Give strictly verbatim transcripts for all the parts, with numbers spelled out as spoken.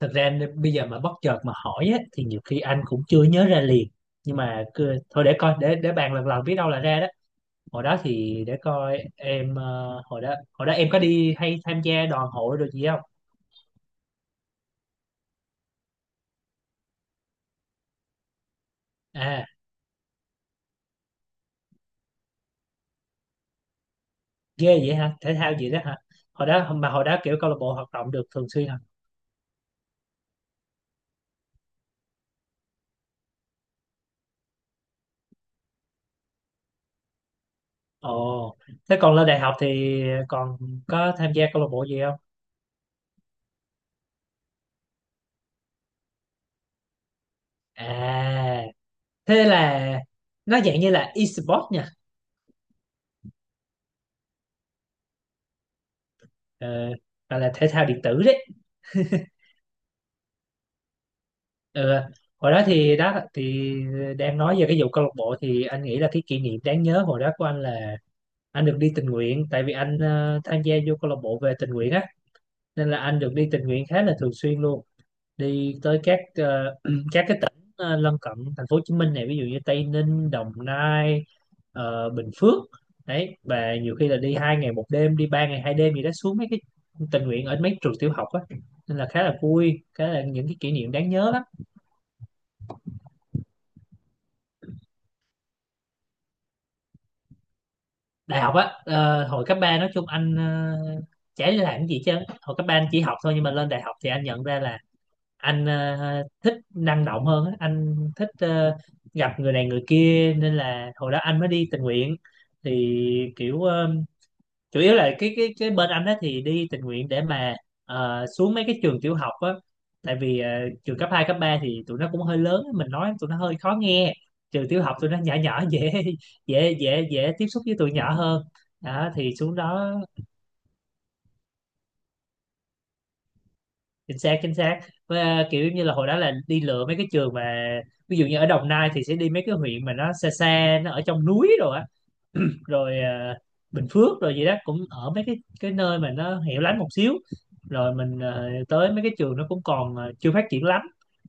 Thật ra nên- bây giờ mà bất chợt mà hỏi á, thì nhiều khi anh cũng chưa nhớ ra liền. Nhưng mà cứ, thôi để coi, để để bàn lần lần biết đâu là ra đó. Hồi đó thì để coi em, ờ, hồi đó hồi đó em có đi hay tham gia đoàn hội rồi gì không? À, ghê vậy hả, thể thao gì đó hả? Hồi đó mà hồi đó kiểu câu lạc bộ hoạt động được thường xuyên hả? Ồ, thế còn lên đại học thì còn có tham gia câu lạc bộ gì không? À, thế là nó dạng như là e-sport nha. ờ, gọi là thể thao điện tử đấy. Ừ. Hồi đó thì đó thì đang nói về cái vụ câu lạc bộ thì anh nghĩ là cái kỷ niệm đáng nhớ hồi đó của anh là anh được đi tình nguyện, tại vì anh ờ, tham gia vô câu lạc bộ về tình nguyện á, nên là anh được đi tình nguyện khá là thường xuyên luôn. Đi tới các ờ, các cái tỉnh ờ, lân cận thành phố Hồ Chí Minh này, ví dụ như Tây Ninh, Đồng Nai, ờ, Bình Phước đấy, và nhiều khi là đi hai ngày một đêm, đi ba ngày hai đêm gì đó, xuống mấy cái tình nguyện ở mấy trường tiểu học á, nên là khá là vui, khá là những cái kỷ niệm đáng nhớ. Đại học á. ờ, hồi cấp ba nói chung anh ờ, chả đi làm cái gì chứ, hồi cấp ba anh chỉ học thôi. Nhưng mà lên đại học thì anh nhận ra là anh ờ, thích năng động hơn á. Anh thích ờ, gặp người này người kia, nên là hồi đó anh mới đi tình nguyện. Thì kiểu ờ, chủ yếu là cái cái cái bên anh đó thì đi tình nguyện để mà ờ, xuống mấy cái trường tiểu học á. Tại vì ờ, trường cấp hai cấp ba thì tụi nó cũng hơi lớn á, mình nói tụi nó hơi khó nghe. Trường tiểu học tụi nó nhỏ nhỏ, dễ, dễ dễ dễ tiếp xúc với tụi nhỏ hơn. Đó thì xuống đó. Chính xác, chính xác. Với, ờ, kiểu như là hồi đó là đi lựa mấy cái trường mà, ví dụ như ở Đồng Nai thì sẽ đi mấy cái huyện mà nó xa xa, nó ở trong núi, rồi rồi à, Bình Phước rồi gì đó, cũng ở mấy cái cái nơi mà nó hẻo lánh một xíu. Rồi mình ờ, tới mấy cái trường nó cũng còn ờ, chưa phát triển lắm.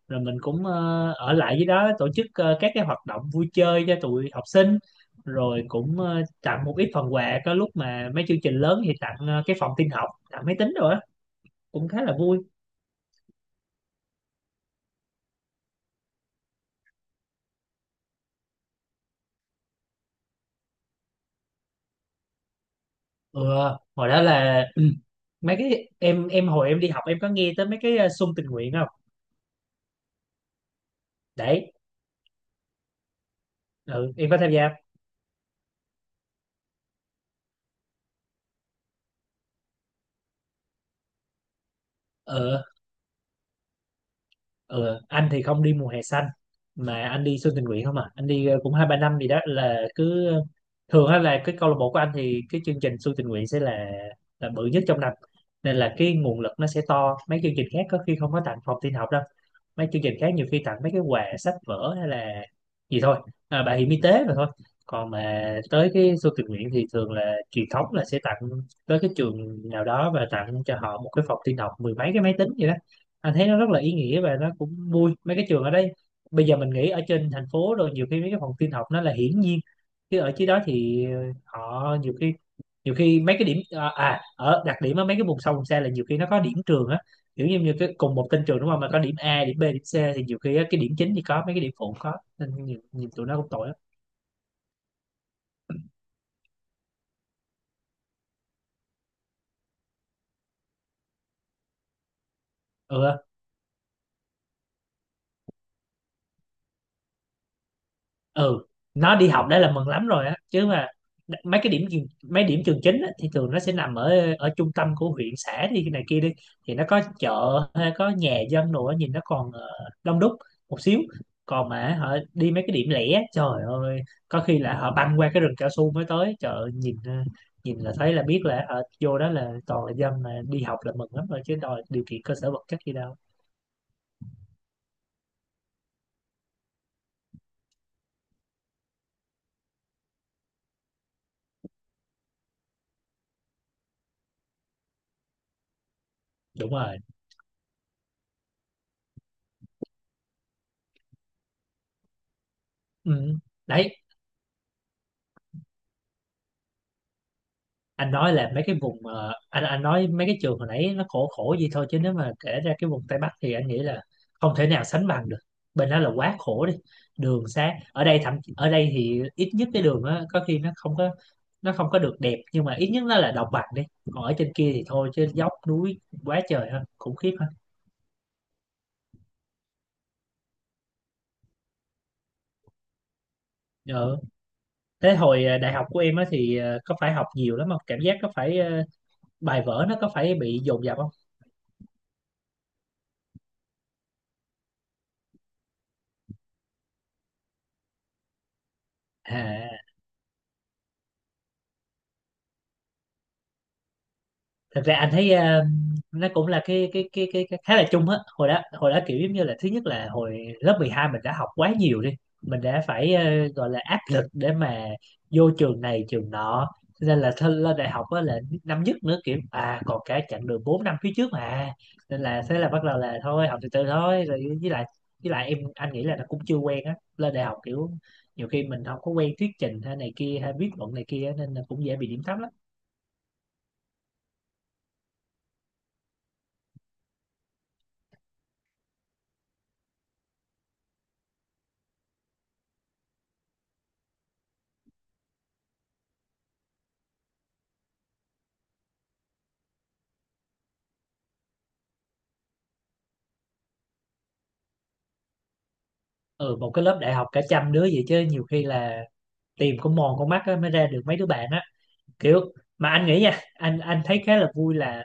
Rồi mình cũng ờ, ở lại với đó tổ chức ờ, các cái hoạt động vui chơi cho tụi học sinh. Rồi cũng ờ, tặng một ít phần quà, có lúc mà mấy chương trình lớn thì tặng ờ, cái phòng tin học, tặng máy tính rồi á, cũng khá là vui. Ừ, hồi đó là ừ, mấy cái em em hồi em đi học em có nghe tới mấy cái ờ, xung tình nguyện không? Đấy. Ừ, em có tham gia không? Ừ. Ừ, anh thì không đi mùa hè xanh, mà anh đi xuân tình nguyện không à. Anh đi ờ, cũng hai ba năm gì đó, là cứ thường á, là cái câu lạc bộ của anh thì cái chương trình xuân tình nguyện sẽ là là bự nhất trong năm, nên là cái nguồn lực nó sẽ to, mấy chương trình khác có khi không có tặng phòng tin học đâu. Mấy chương trình khác nhiều khi tặng mấy cái quà sách vở hay là gì thôi. À, bảo hiểm y tế mà thôi. Còn mà tới cái Xuân tình nguyện thì thường là truyền thống là sẽ tặng tới cái trường nào đó, và tặng cho họ một cái phòng tin học mười mấy cái máy tính vậy đó. Anh thấy nó rất là ý nghĩa, và nó cũng vui. Mấy cái trường ở đây bây giờ mình nghĩ ở trên thành phố rồi, nhiều khi mấy cái phòng tin học nó là hiển nhiên, chứ ở dưới đó thì họ nhiều khi, nhiều khi mấy cái điểm à, à ở đặc điểm ở mấy cái vùng sâu vùng xa là nhiều khi nó có điểm trường á. Kiểu như như cái cùng một tên trường đúng không, mà có điểm A, điểm B, điểm C, thì nhiều khi á, cái điểm chính thì có, mấy cái điểm phụ không có, nên nhìn, nhìn tụi nó cũng tội lắm. Ừ. Ừ, nó đi học đã là mừng lắm rồi á, chứ mà đ- mấy cái điểm trường- mấy điểm trường chính á, thì thường nó sẽ nằm ở ở trung tâm của huyện xã đi cái này kia đi, thì nó có chợ hay có nhà dân đồ á, nhìn nó còn ờ, đông đúc một xíu. Còn mà họ đi mấy cái điểm lẻ, trời ơi, có khi là họ băng qua cái rừng cao su mới tới chợ. Nhìn ờ, nhìn là thấy là biết là họ vô đó là toàn là dân mà đi học là mừng lắm rồi, chứ đòi điều kiện cơ sở vật chất gì đâu. Đúng rồi. Ừ. Đấy, anh nói là mấy cái vùng, ờ, anh anh nói mấy cái trường hồi nãy nó khổ khổ gì thôi chứ, nếu mà kể ra cái vùng Tây Bắc thì anh nghĩ là không thể nào sánh bằng được, bên đó là quá khổ đi. Đường xá ở đây thậm chí- ở đây thì ít nhất cái đường á, có khi nó không có, nó không có được đẹp, nhưng mà ít nhất nó là đồng bằng đi. Còn ở trên kia thì thôi chứ, dốc núi quá trời ha, khủng khiếp ha. Ừ. Thế hồi ờ, đại học của em á thì ờ, có phải học nhiều lắm không, cảm giác có phải ờ, bài vở nó có phải bị dồn dập không? À, thật ra anh thấy ờ, nó cũng là cái cái cái cái, cái khá là chung á. Hồi đó hồi đó kiểu giống như là thứ nhất là hồi lớp mười hai mình đã học quá nhiều đi, mình đã phải ờ, gọi là áp lực để mà vô trường này trường nọ. Cho nên là thân lên đại học á là năm nhất nữa, kiểu à, còn cả chặng đường bốn năm phía trước mà, nên là thế là bắt đầu là thôi học từ từ thôi. Rồi với lại, với lại em, anh nghĩ là nó cũng chưa quen á lên đại học, kiểu nhiều khi mình không có quen thuyết trình hay này kia, hay viết luận này kia, nên là cũng dễ bị điểm thấp lắm. Ừ, một cái lớp đại học cả trăm đứa vậy chứ nhiều khi là tìm con mòn con mắt á, mới ra được mấy đứa bạn á. Kiểu, mà anh nghĩ nha, anh anh thấy khá là vui là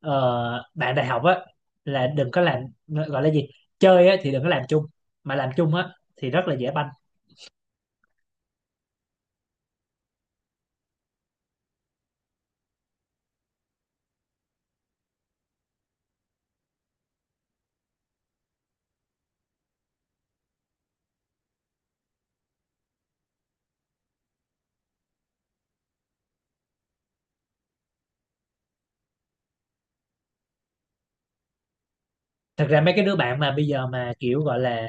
ờ, bạn đại học á là đừng có làm, gọi là gì, chơi á thì đừng có làm chung, mà làm chung á thì rất là dễ banh. Thật ra mấy cái đứa bạn mà bây giờ mà kiểu gọi là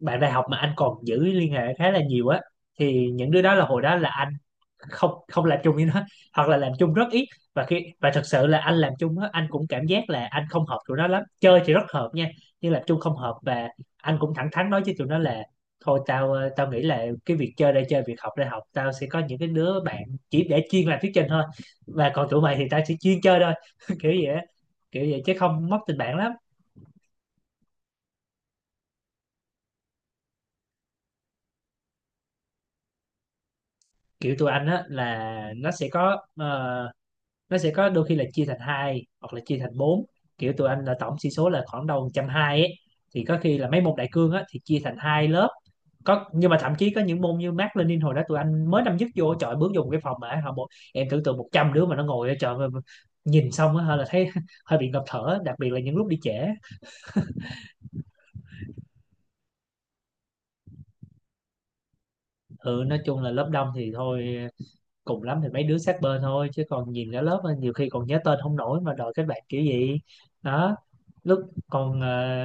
bạn đại học mà anh còn giữ liên hệ khá là nhiều á, thì những đứa đó là hồi đó là anh không không làm chung với nó, hoặc là làm chung rất ít. Và khi và thật sự là anh làm chung á, anh cũng cảm giác là anh không hợp tụi nó lắm, chơi thì rất hợp nha, nhưng làm chung không hợp. Và anh cũng thẳng thắn nói với tụi nó là thôi, tao ờ, tao nghĩ là cái việc chơi đây chơi, việc học đây học, tao sẽ có những cái đứa bạn chỉ để chuyên làm thuyết trình thôi, và còn tụi mày thì tao chỉ chuyên chơi thôi, kiểu vậy á. Kiểu vậy chứ không mất tình bạn lắm. Kiểu tụi anh á là nó sẽ có ờ, nó sẽ có đôi khi là chia thành hai, hoặc là chia thành bốn. Kiểu tụi anh là tổng sĩ số là khoảng đầu một trăm hai ấy, thì có khi là mấy môn đại cương á thì chia thành hai lớp. Có, nhưng mà thậm chí có những môn như Mác Lênin hồi đó tụi anh mới năm nhất vô, trời, bước vô một cái phòng mà họ bộ, em tưởng tượng một trăm đứa mà nó ngồi ở, trời ơi, nhìn xong á hơi là thấy hơi bị ngập thở, đặc biệt là những lúc đi trễ. Ừ, nói chung là lớp đông thì thôi, cùng lắm thì mấy đứa sát bên thôi, chứ còn nhìn cả lớp á, nhiều khi còn nhớ tên không nổi mà đòi kết bạn kiểu gì. Đó, lúc còn ờ,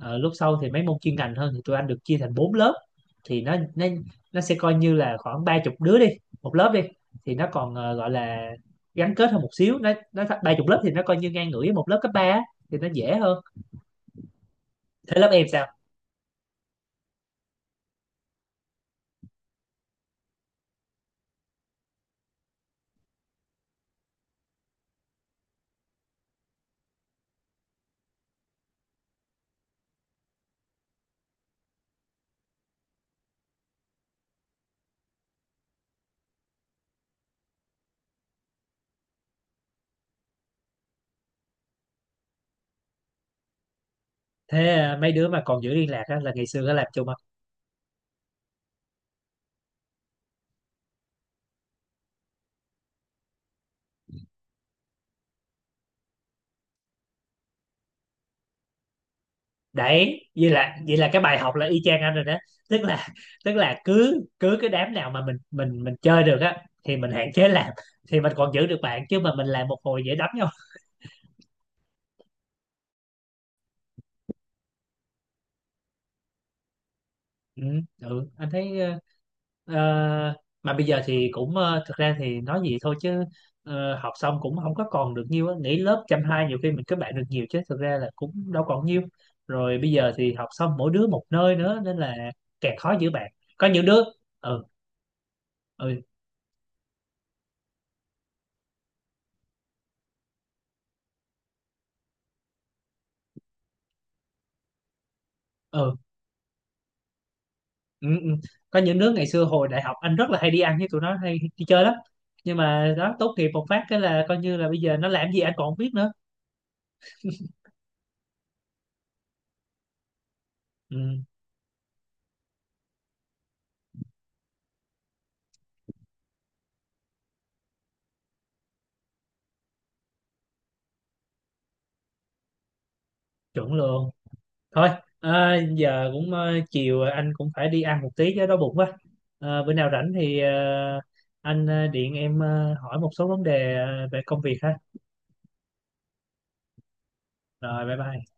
ờ, lúc sau thì mấy môn chuyên ngành hơn thì tụi anh được chia thành bốn lớp, thì nó nó nó sẽ coi như là khoảng ba chục đứa đi, một lớp đi, thì nó còn ờ, gọi là gắn kết hơn một xíu. Nó nó ba chục lớp thì nó coi như ngang ngửa với một lớp cấp ba á, thì nó dễ hơn. Thế lớp em sao? Thế ờ, mấy đứa mà còn giữ liên lạc á, là ngày xưa có làm chung. Đấy. Vậy là vậy là cái bài học là y chang anh rồi đó. Tức là, tức là cứ cứ cái đám nào mà mình mình mình chơi được á thì mình hạn chế làm, thì mình còn giữ được bạn, chứ mà mình làm một hồi dễ đánh nhau. Ừ, ừ anh thấy ờ, ờ, mà bây giờ thì cũng ờ, thực ra thì nói gì thôi chứ, ờ, học xong cũng không có còn được nhiêu á, nghỉ lớp chăm hai nhiều khi mình kết bạn được nhiều, chứ thực ra là cũng đâu còn nhiêu. Rồi bây giờ thì học xong mỗi đứa một nơi nữa, nên là càng khó giữ bạn. Có những đứa Ừ, ừ, ừ, ừ, ừ. Có những đứa ngày xưa hồi đại học anh rất là hay đi ăn với tụi nó, hay đi chơi lắm, nhưng mà đó, tốt nghiệp một phát cái là coi như là bây giờ nó làm gì anh còn không biết nữa. Ừ, chuẩn luôn. Thôi, à, giờ cũng ờ, chiều rồi, anh cũng phải đi ăn một tí chứ, đói bụng quá. À, bữa nào rảnh thì ờ, anh ờ, điện em ờ, hỏi một số vấn đề ờ, về công việc ha. Rồi bye bye.